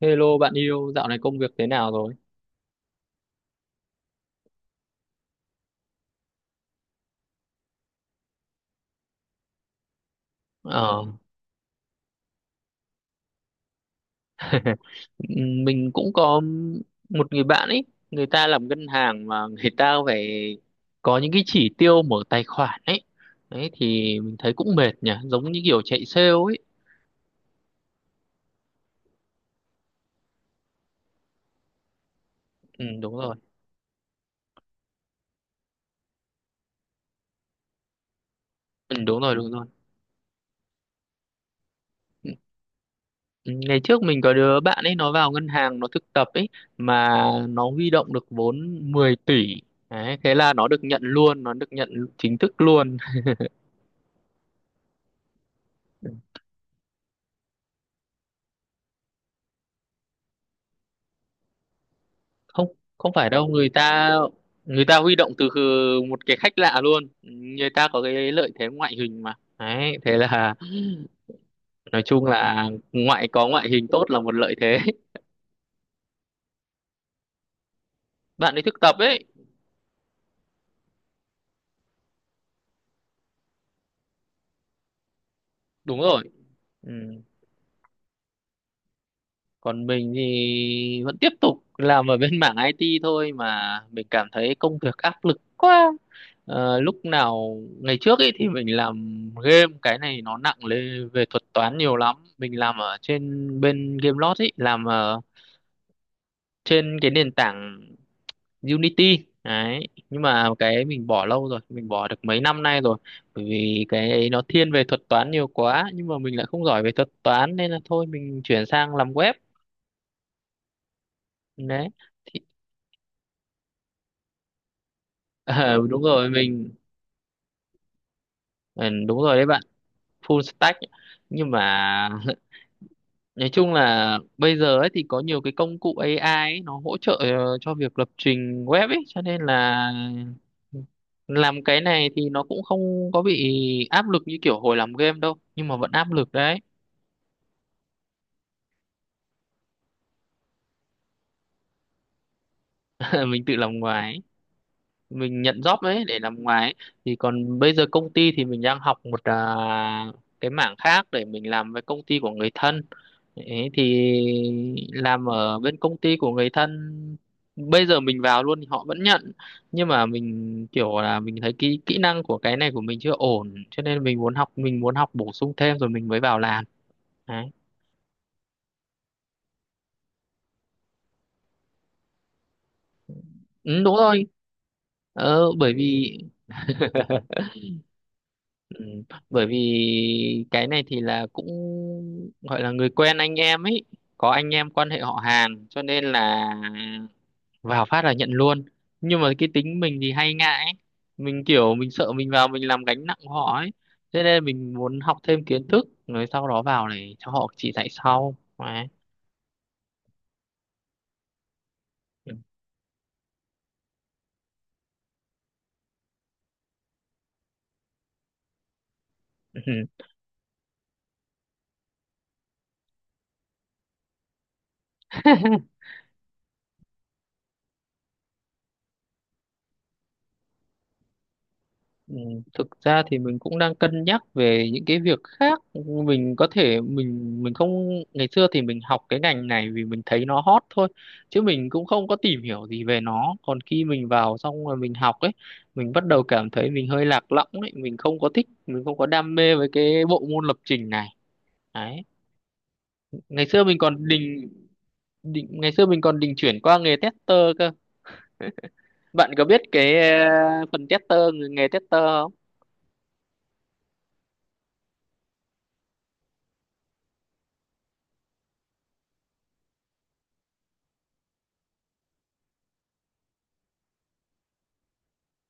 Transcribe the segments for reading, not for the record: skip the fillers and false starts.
Hello bạn yêu, dạo này công việc thế nào rồi? Ờ, mình cũng có một người bạn ấy, người ta làm ngân hàng mà người ta phải có những cái chỉ tiêu mở tài khoản ấy. Đấy thì mình thấy cũng mệt nhỉ, giống như kiểu chạy sale ấy. Ừ, đúng rồi. Ừ, đúng rồi, đúng rồi. Ừ, Ngày trước mình có đứa bạn ấy nó vào ngân hàng nó thực tập ấy mà nó huy động được vốn 10 tỷ. Đấy, thế là nó được nhận luôn, nó được nhận chính thức luôn. Không, không phải đâu, người ta huy động từ một cái khách lạ luôn, người ta có cái lợi thế ngoại hình mà đấy thế là nói chung là có ngoại hình tốt là một lợi thế. Bạn ấy thực tập ấy. Đúng rồi. Ừ, còn mình thì vẫn tiếp tục làm ở bên mảng IT thôi mà mình cảm thấy công việc áp lực quá. Lúc nào ngày trước ấy thì mình làm game, cái này nó nặng lên về thuật toán nhiều lắm, mình làm ở trên bên Gamelot ấy, làm trên cái nền tảng Unity đấy, nhưng mà cái mình bỏ lâu rồi, mình bỏ được mấy năm nay rồi, bởi vì cái ấy nó thiên về thuật toán nhiều quá nhưng mà mình lại không giỏi về thuật toán nên là thôi mình chuyển sang làm web đấy thì. Ờ, Đúng rồi, mình ừ, đúng rồi đấy bạn, full stack. Nhưng mà nói chung là bây giờ ấy thì có nhiều cái công cụ AI ấy, nó hỗ trợ cho việc lập trình web ấy, cho nên là làm cái này thì nó cũng không có bị áp lực như kiểu hồi làm game đâu, nhưng mà vẫn áp lực đấy. Mình tự làm ngoài ấy. Mình nhận job đấy để làm ngoài ấy. Thì còn bây giờ công ty thì mình đang học một cái mảng khác để mình làm với công ty của người thân. Thế thì làm ở bên công ty của người thân, bây giờ mình vào luôn thì họ vẫn nhận, nhưng mà mình kiểu là mình thấy kỹ kỹ năng của cái này của mình chưa ổn, cho nên mình muốn học, mình muốn học bổ sung thêm rồi mình mới vào làm đấy. Ừ, đúng rồi. ờ, bởi vì ừ, Bởi vì cái này thì là cũng gọi là người quen anh em ấy, có anh em quan hệ họ hàng cho nên là vào phát là nhận luôn, nhưng mà cái tính mình thì hay ngại ấy. Mình kiểu mình sợ mình vào mình làm gánh nặng của họ ấy, thế nên mình muốn học thêm kiến thức rồi sau đó vào để cho họ chỉ dạy sau. Đấy. Ừ, thực ra thì mình cũng đang cân nhắc về những cái việc khác. Mình có thể mình không, ngày xưa thì mình học cái ngành này vì mình thấy nó hot thôi, chứ mình cũng không có tìm hiểu gì về nó, còn khi mình vào xong rồi mình học ấy, mình bắt đầu cảm thấy mình hơi lạc lõng ấy, mình không có thích, mình không có đam mê với cái bộ môn lập trình này đấy. Ngày xưa mình còn định định ngày xưa mình còn định chuyển qua nghề tester cơ. Bạn có biết cái ờ, phần tester, nghề tester không?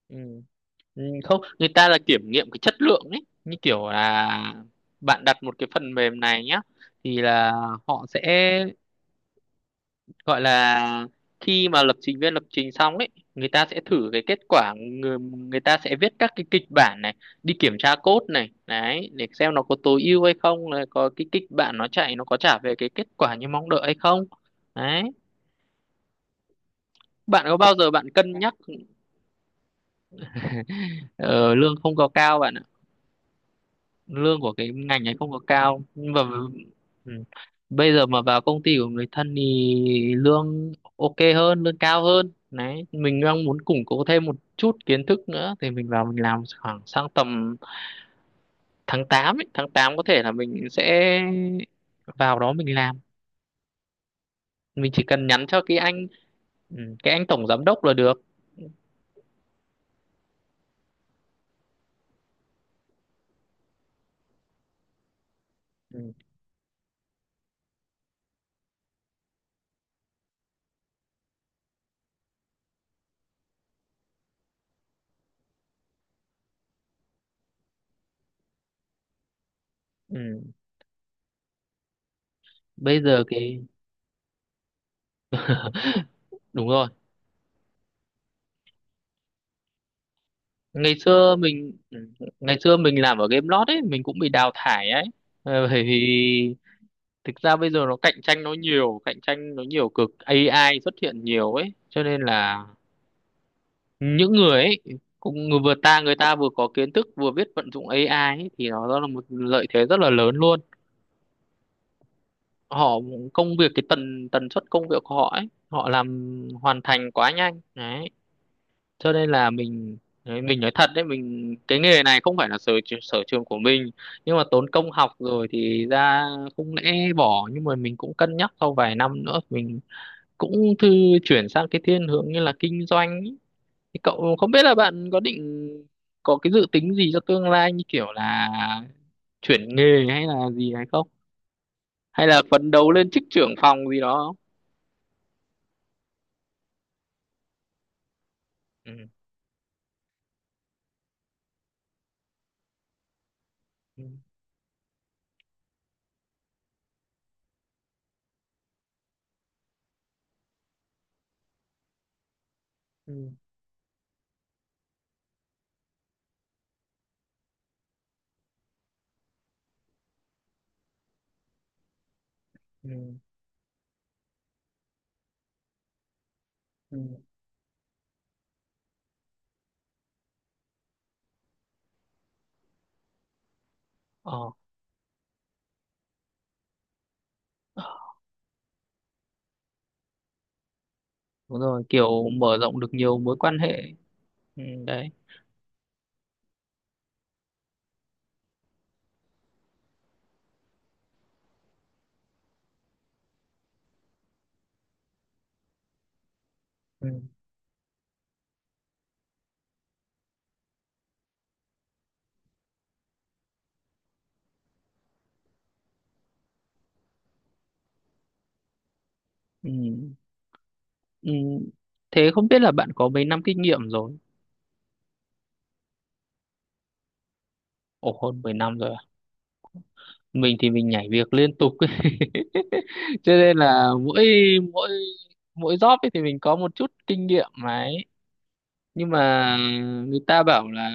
Ừ. Ừ, không, người ta là kiểm nghiệm cái chất lượng ấy, như kiểu là bạn đặt một cái phần mềm này nhá, thì là họ sẽ gọi là khi mà lập trình viên lập trình xong ấy, người ta sẽ thử cái kết quả, người ta sẽ viết các cái kịch bản này, đi kiểm tra code này đấy, để xem nó có tối ưu hay không, là có cái kịch bản nó chạy nó có trả về cái kết quả như mong đợi hay không đấy. Bạn có bao giờ bạn cân nhắc? Ờ, Lương không có cao bạn, lương của cái ngành ấy không có cao nhưng mà ừ, bây giờ mà vào công ty của người thân thì lương ok hơn, lương cao hơn đấy, mình đang muốn củng cố thêm một chút kiến thức nữa thì mình vào mình làm khoảng sang tầm tháng 8 ấy. Tháng 8 có thể là mình sẽ vào đó mình làm. Mình chỉ cần nhắn cho cái anh, ừ, cái anh tổng giám đốc là được. Ừ. Ừ. Bây giờ cái, đúng rồi. Ngày xưa mình ngày xưa mình làm ở game lót ấy, mình cũng bị đào thải ấy. Bởi vì thực ra bây giờ nó cạnh tranh nó nhiều, cực AI xuất hiện nhiều ấy, cho nên là những người ấy cũng người ta vừa có kiến thức vừa biết vận dụng AI ấy, thì nó đó là một lợi thế rất là lớn luôn. Họ công việc cái tần tần suất công việc của họ ấy, họ làm hoàn thành quá nhanh đấy, cho nên là mình đấy, mình nói thật đấy, mình cái nghề này không phải là sở trường của mình, nhưng mà tốn công học rồi thì ra không lẽ bỏ, nhưng mà mình cũng cân nhắc sau vài năm nữa mình cũng thư chuyển sang cái thiên hướng như là kinh doanh ý. Thì cậu không biết là bạn có định có cái dự tính gì cho tương lai, như kiểu là chuyển nghề hay là gì hay không, hay là phấn đấu lên chức trưởng phòng gì đó không? Ừ. Ừ. Ừ. Ừ. Ừ. Ờ. Đúng rồi, kiểu mở rộng được nhiều mối quan hệ. Ừ, đấy. Ừ. Ừ. Ừ. Thế không biết là bạn có mấy năm kinh nghiệm rồi? Ồ, hơn 10 năm rồi à? Mình thì mình nhảy việc liên tục ấy. Cho nên là mỗi mỗi mỗi job ấy thì mình có một chút kinh nghiệm mà ấy, nhưng mà người ta bảo là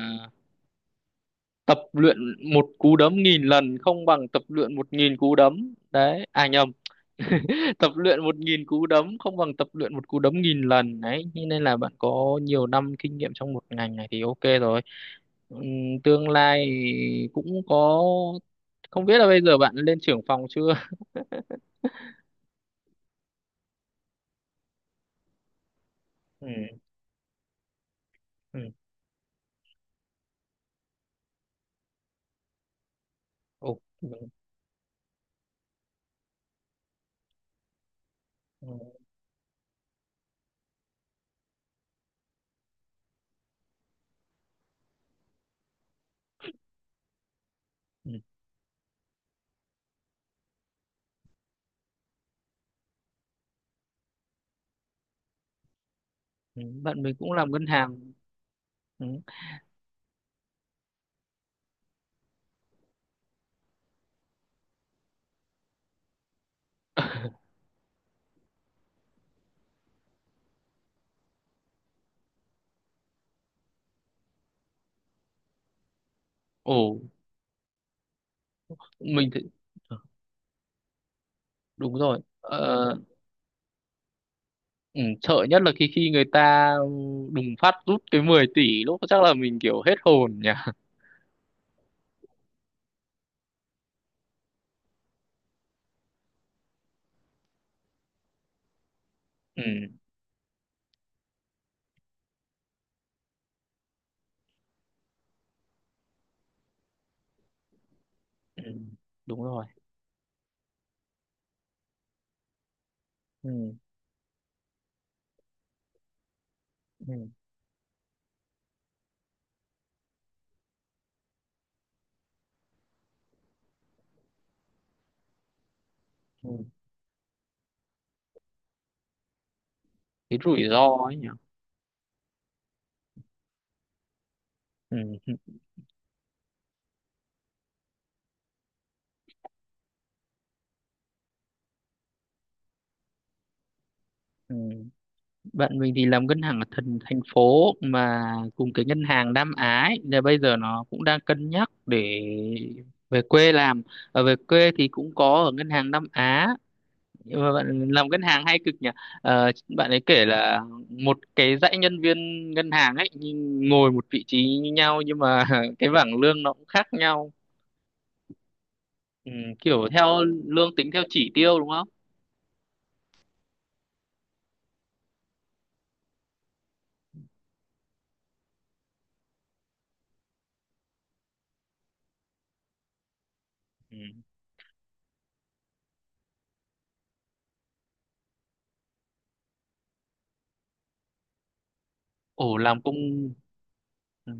tập luyện một cú đấm nghìn lần không bằng tập luyện một nghìn cú đấm đấy, à nhầm, tập luyện một nghìn cú đấm không bằng tập luyện một cú đấm nghìn lần đấy, thế nên là bạn có nhiều năm kinh nghiệm trong một ngành này thì ok rồi. Ừm, Tương lai cũng có, không biết là bây giờ bạn lên trưởng phòng chưa? Ừ, ừ, ồ, ừ, ừ, ừ, ừ. Bạn mình cũng làm ngân hàng. Ừ. Ồ, mình thì ờ, đúng rồi. Ờ, ừ, sợ nhất là khi khi người ta đùng phát rút cái 10 tỷ lúc, chắc là mình kiểu hết hồn nhỉ. Ừ, ừ, đúng rồi. Ừ, ừ, ừ. Cái rủi ro ấy nhỉ. Ừ, ừ, ừ. Bạn mình thì làm ngân hàng ở thành thành phố mà, cùng cái ngân hàng Nam Á ấy, là bây giờ nó cũng đang cân nhắc để về quê làm. Ở về quê thì cũng có ở ngân hàng Nam Á. Nhưng mà bạn làm ngân hàng hay cực nhỉ. Ờ, Bạn ấy kể là một cái dãy nhân viên ngân hàng ấy nhưng ngồi một vị trí như nhau nhưng mà cái bảng lương nó cũng khác nhau. Ừ, kiểu theo lương tính theo chỉ tiêu đúng không? Ừ. ồ làm công Ừ.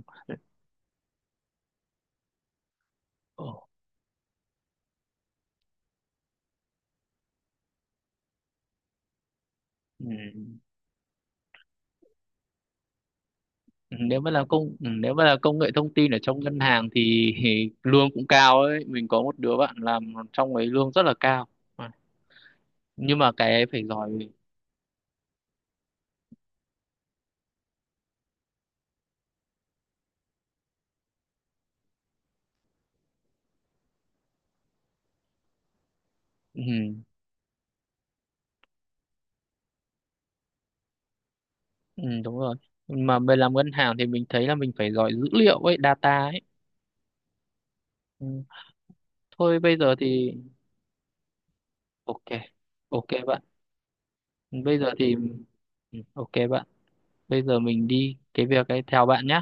Ồ, ừ. Ừ, nếu mà là công Ừ, nếu mà là công nghệ thông tin ở trong ngân hàng thì thì lương cũng cao ấy, mình có một đứa bạn làm trong ấy lương rất là cao. Ừ. Nhưng mà cái ấy phải giỏi. Ừ. Ừ, đúng rồi. Mà về làm ngân hàng thì mình thấy là mình phải giỏi dữ liệu ấy, data ấy. Ừ. Thôi bây giờ thì ok. Ok bạn. Bây giờ thì ừ, ok bạn. Bây giờ mình đi cái việc ấy theo bạn nhé.